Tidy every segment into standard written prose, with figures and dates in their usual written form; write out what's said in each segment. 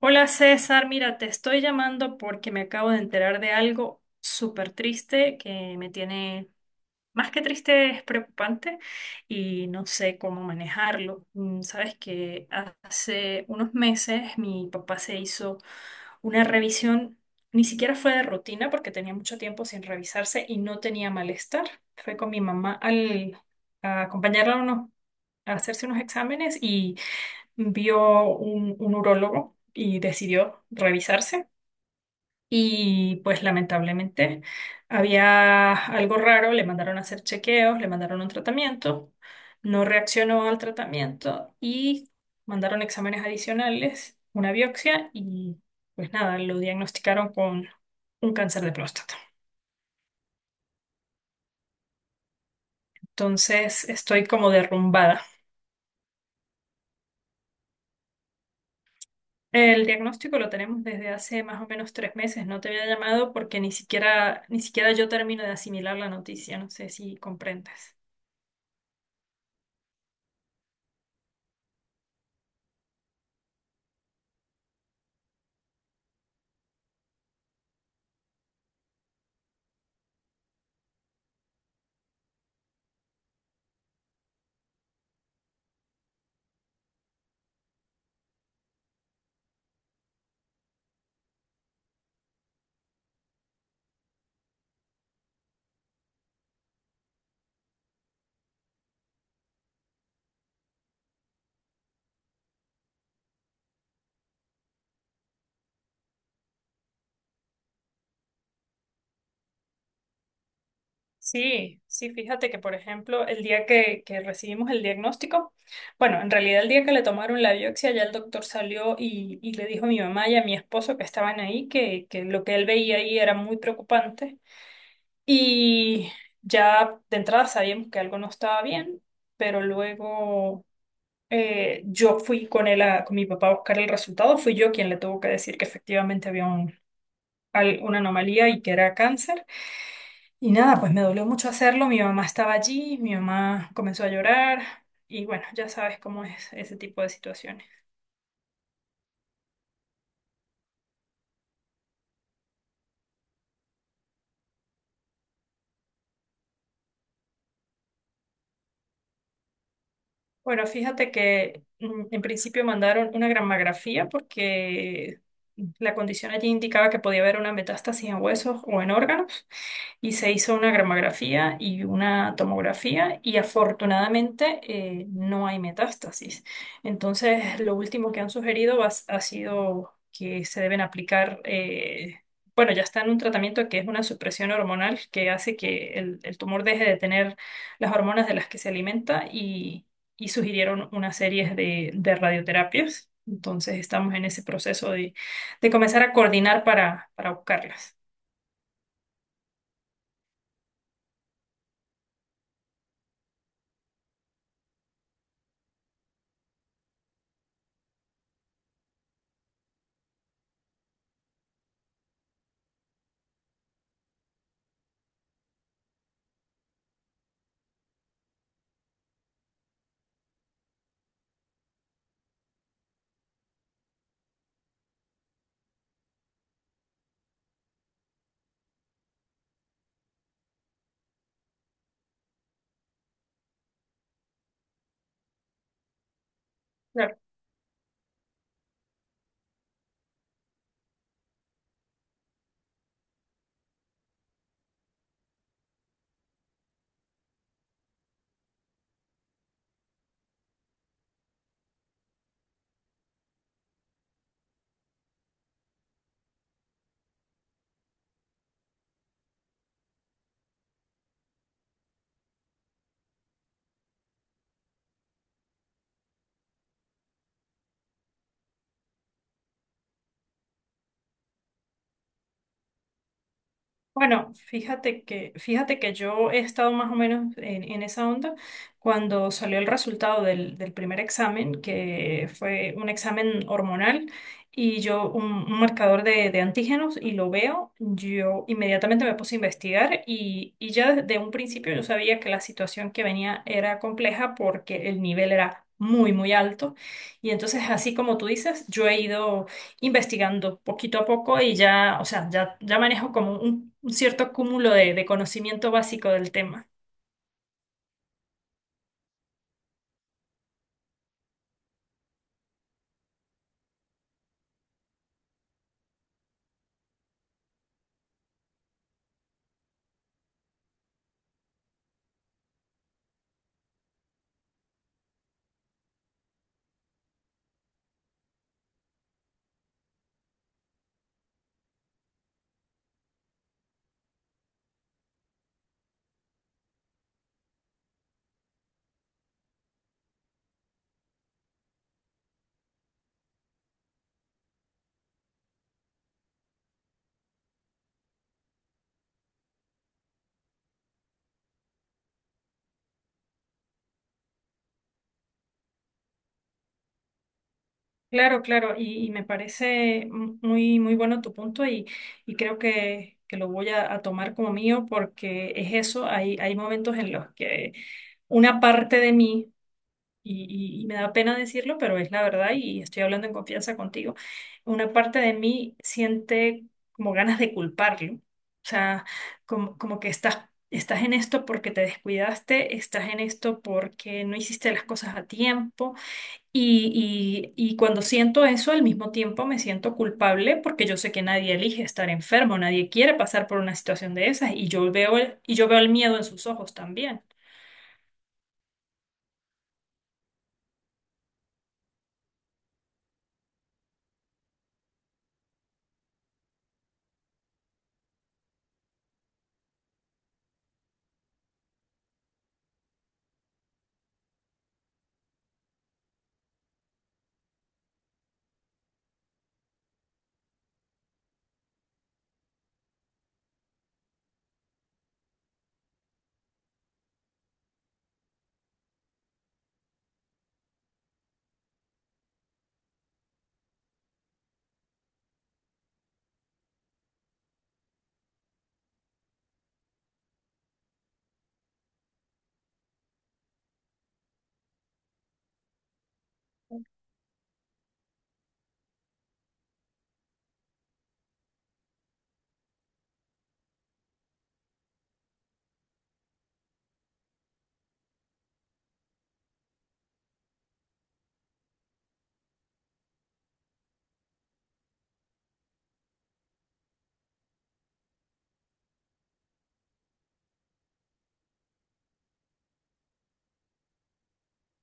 Hola César, mira, te estoy llamando porque me acabo de enterar de algo súper triste que me tiene, más que triste, es preocupante y no sé cómo manejarlo. Sabes que hace unos meses mi papá se hizo una revisión, ni siquiera fue de rutina porque tenía mucho tiempo sin revisarse y no tenía malestar. Fue con mi mamá a acompañarla a hacerse unos exámenes y vio un urólogo y decidió revisarse. Y pues lamentablemente había algo raro, le mandaron a hacer chequeos, le mandaron un tratamiento, no reaccionó al tratamiento y mandaron exámenes adicionales, una biopsia y pues nada, lo diagnosticaron con un cáncer de próstata. Entonces estoy como derrumbada. El diagnóstico lo tenemos desde hace más o menos 3 meses. No te había llamado porque ni siquiera yo termino de asimilar la noticia. No sé si comprendes. Sí, sí, fíjate que, por ejemplo, el día que recibimos el diagnóstico, bueno, en realidad el día que le tomaron la biopsia, ya el doctor salió y le dijo a mi mamá y a mi esposo que estaban ahí, que lo que él veía ahí era muy preocupante. Y ya de entrada sabíamos que algo no estaba bien, pero luego yo fui con con mi papá a buscar el resultado, fui yo quien le tuvo que decir que efectivamente había una anomalía y que era cáncer. Y nada, pues me dolió mucho hacerlo, mi mamá estaba allí, mi mamá comenzó a llorar y bueno, ya sabes cómo es ese tipo de situaciones. Bueno, fíjate que en principio mandaron una gramografía porque la condición allí indicaba que podía haber una metástasis en huesos o en órganos. Y se hizo una gramografía y una tomografía y afortunadamente no hay metástasis. Entonces, lo último que han sugerido ha sido que se deben aplicar, bueno, ya está en un tratamiento que es una supresión hormonal que hace que el tumor deje de tener las hormonas de las que se alimenta y sugirieron una serie de radioterapias. Entonces estamos en ese proceso de comenzar a coordinar para buscarlas. Bueno, fíjate que yo he estado más o menos en esa onda cuando salió el resultado del primer examen, que fue un examen hormonal, y yo un marcador de antígenos, y lo veo, yo inmediatamente me puse a investigar y ya desde un principio yo sabía que la situación que venía era compleja porque el nivel era muy, muy alto. Y entonces, así como tú dices, yo he ido investigando poquito a poco y ya, o sea, ya manejo como un cierto cúmulo de conocimiento básico del tema. Claro, claro, y me parece muy, muy bueno tu punto y creo que lo voy a tomar como mío porque es eso, hay momentos en los que una parte de mí y me da pena decirlo, pero es la verdad y estoy hablando en confianza contigo. Una parte de mí siente como ganas de culparlo, o sea, como que estás en esto porque te descuidaste, estás en esto porque no hiciste las cosas a tiempo y cuando siento eso, al mismo tiempo me siento culpable porque yo sé que nadie elige estar enfermo, nadie quiere pasar por una situación de esas y yo veo el miedo en sus ojos también.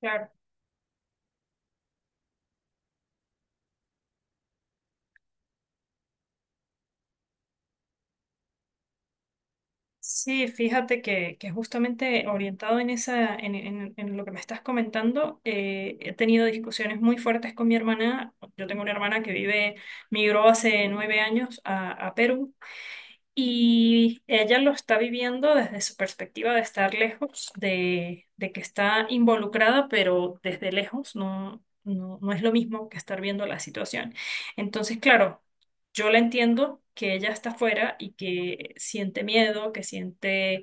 Claro. Sí, fíjate que justamente orientado en en lo que me estás comentando, he tenido discusiones muy fuertes con mi hermana. Yo tengo una hermana que vive, migró hace 9 años a Perú y ella lo está viviendo desde su perspectiva de estar lejos, de que está involucrada, pero desde lejos no, no, no es lo mismo que estar viendo la situación. Entonces, claro, yo la entiendo que ella está afuera y que siente miedo, que siente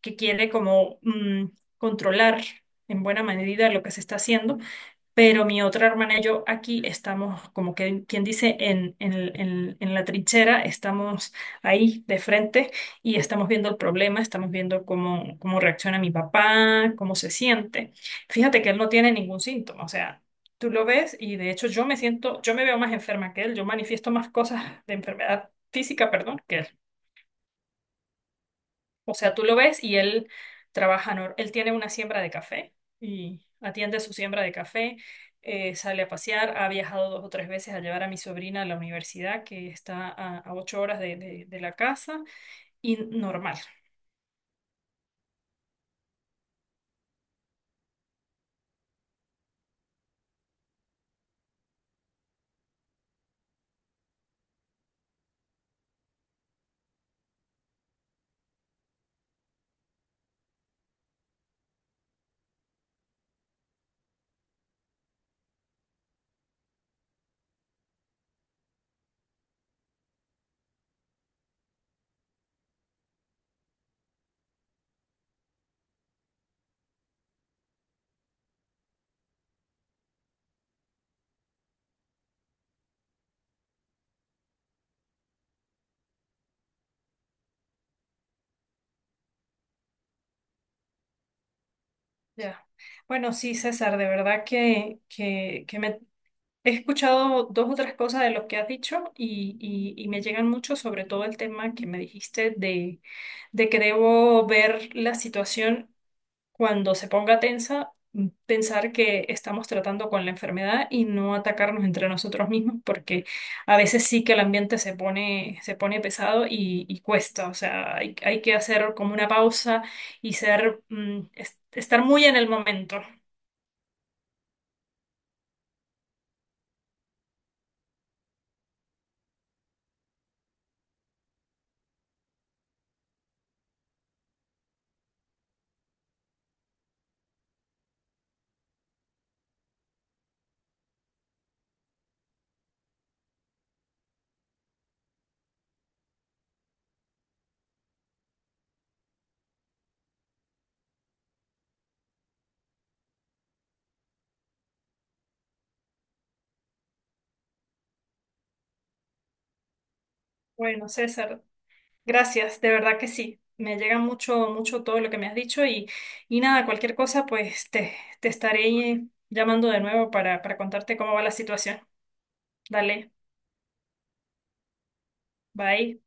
que quiere como controlar en buena medida lo que se está haciendo, pero mi otra hermana y yo aquí estamos, como que quien dice, en la trinchera, estamos ahí de frente y estamos viendo el problema, estamos viendo cómo, cómo reacciona mi papá, cómo se siente. Fíjate que él no tiene ningún síntoma, o sea, tú lo ves y de hecho yo me siento, yo me veo más enferma que él, yo manifiesto más cosas de enfermedad física, perdón, que él. O sea, tú lo ves y él trabaja, él tiene una siembra de café y atiende su siembra de café. Sale a pasear, ha viajado dos o tres veces a llevar a mi sobrina a la universidad, que está a 8 horas de de la casa y normal. Ya. Bueno, sí, César, de verdad que me he escuchado dos o tres cosas de lo que has dicho y me llegan mucho, sobre todo el tema que me dijiste de que debo ver la situación cuando se ponga tensa, pensar que estamos tratando con la enfermedad y no atacarnos entre nosotros mismos, porque a veces sí que el ambiente se pone pesado y cuesta. O sea, hay que hacer como una pausa y ser, estar muy en el momento. Bueno, César, gracias, de verdad que sí. Me llega mucho, mucho todo lo que me has dicho y nada, cualquier cosa, te estaré llamando de nuevo para contarte cómo va la situación. Dale, bye.